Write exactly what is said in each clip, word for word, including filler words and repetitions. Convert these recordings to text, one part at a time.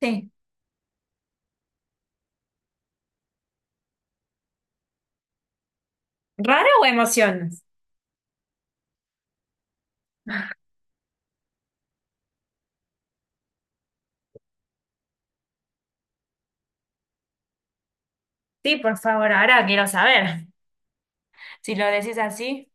Sí. ¿Raro o emociones? Sí, por favor, ahora quiero saber. Si lo decís así.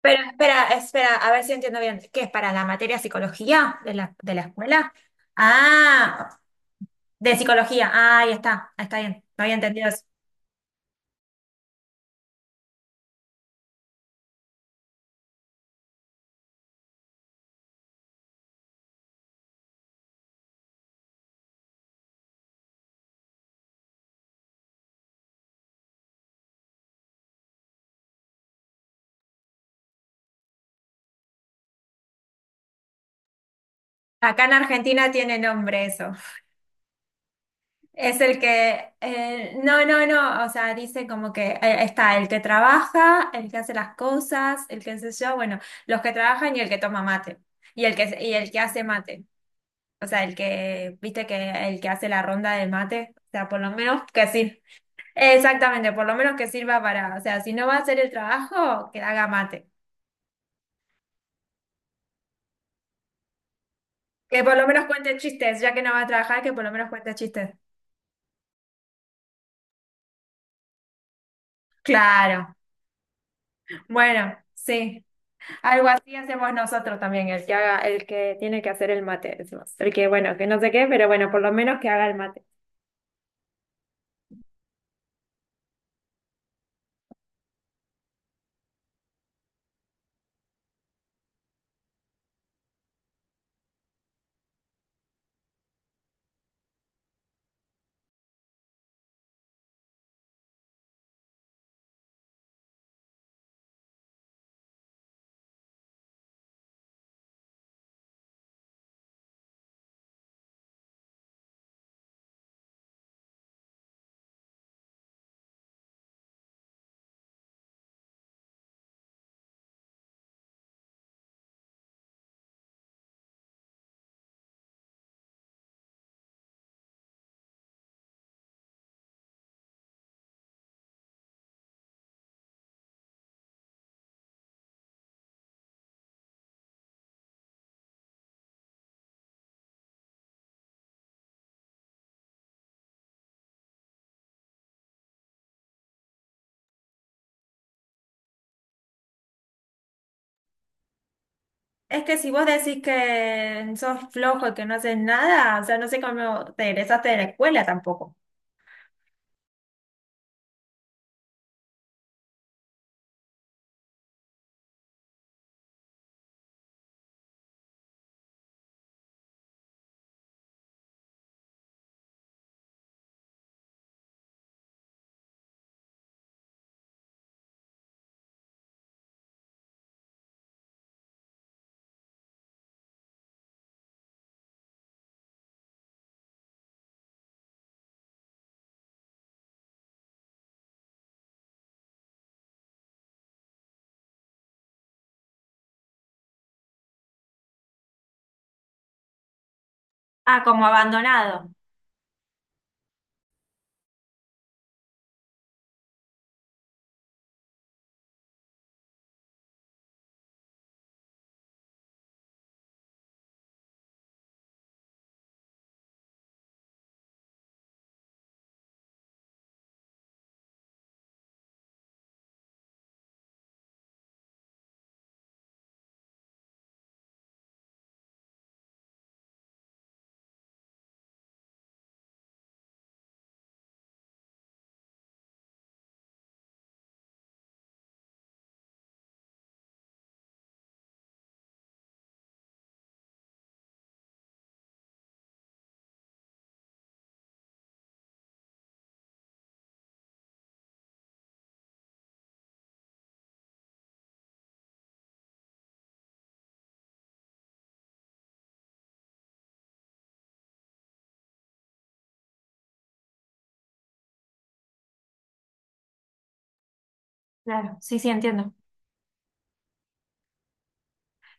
Pero espera, espera, a ver si entiendo bien. ¿Qué es para la materia psicología de la, de la escuela? Ah, de psicología. Ah, ahí está, está bien. No había entendido eso. Acá en Argentina tiene nombre eso. Es el que, eh, no, no, no, o sea, dice como que eh, está el que trabaja, el que hace las cosas, el que sé yo, bueno, los que trabajan y el que toma mate. Y el que, y el que hace mate. O sea, el que, viste que el que hace la ronda del mate, o sea, por lo menos que sirva. Exactamente, por lo menos que sirva para, o sea, si no va a hacer el trabajo, que haga mate. Que por lo menos cuente chistes, ya que no va a trabajar, que por lo menos cuente chistes. Claro. Bueno, sí. Algo así hacemos nosotros también, el que haga, el que tiene que hacer el mate, decimos. El que, bueno, que no sé qué, pero bueno, por lo menos que haga el mate. Es que si vos decís que sos flojo y que no haces nada, o sea, no sé cómo te egresaste de la escuela tampoco. Ah, como abandonado. Claro, sí, sí, entiendo.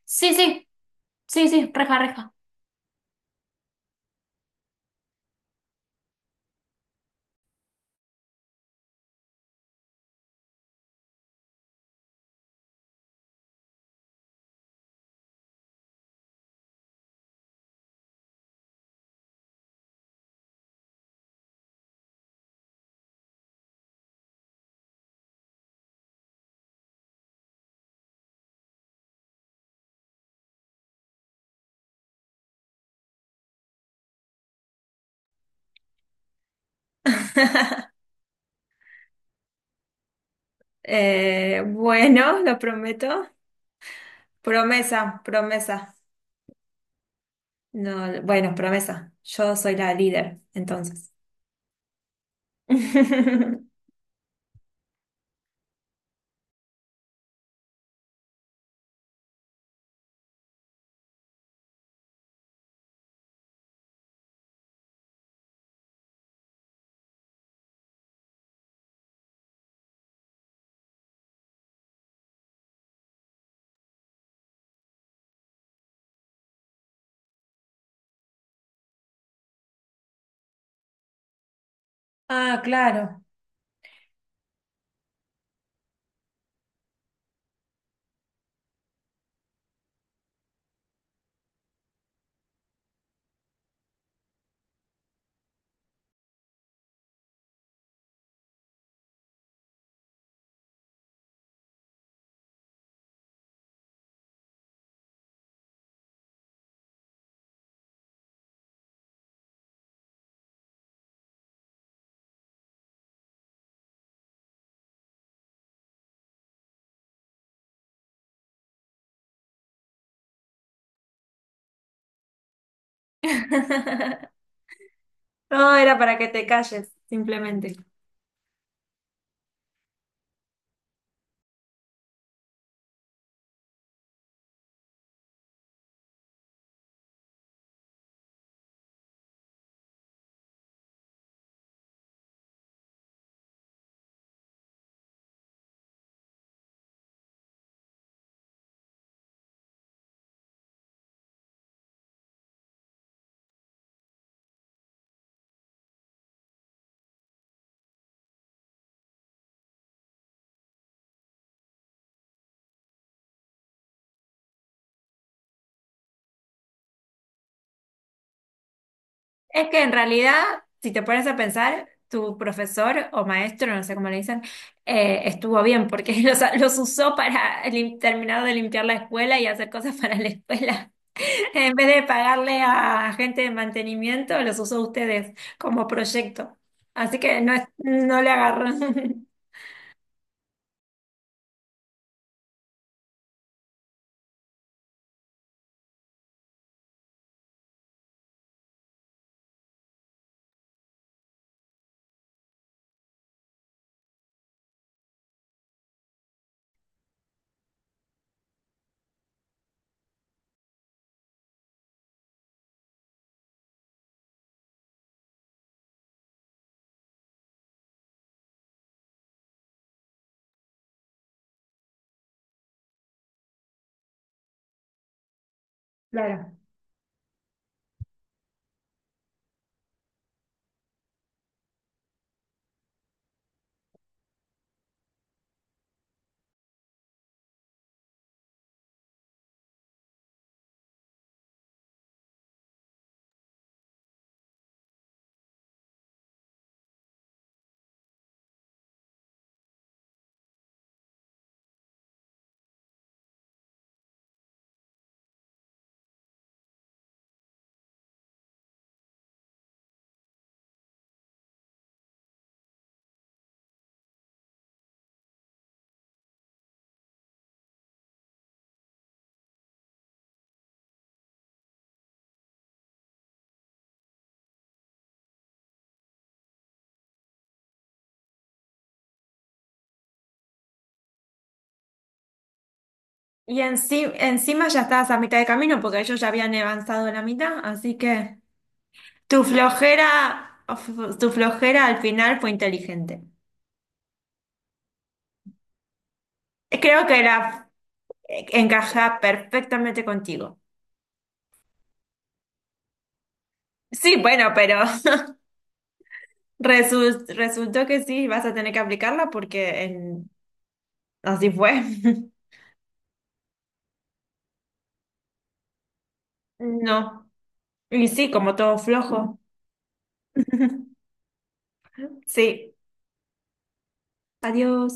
Sí, sí, sí, sí, reja, reja. Eh, bueno, lo prometo. Promesa, promesa. No, bueno, promesa. Yo soy la líder, entonces. Ah, claro. No, era para que te calles, simplemente. Es que en realidad, si te pones a pensar, tu profesor o maestro, no sé cómo le dicen, eh, estuvo bien porque los, los usó para lim- terminar de limpiar la escuela y hacer cosas para la escuela. En vez de pagarle a gente de mantenimiento, los usó ustedes como proyecto. Así que no, es- no le agarró. Claro. Y enci- encima ya estabas a mitad de camino porque ellos ya habían avanzado la mitad, así que tu flojera, of- tu flojera al final fue inteligente. Creo que la encaja perfectamente contigo. Sí, bueno, pero resu- resultó que sí, vas a tener que aplicarla porque en- así fue. No. Y sí, como todo flojo. Sí. Adiós.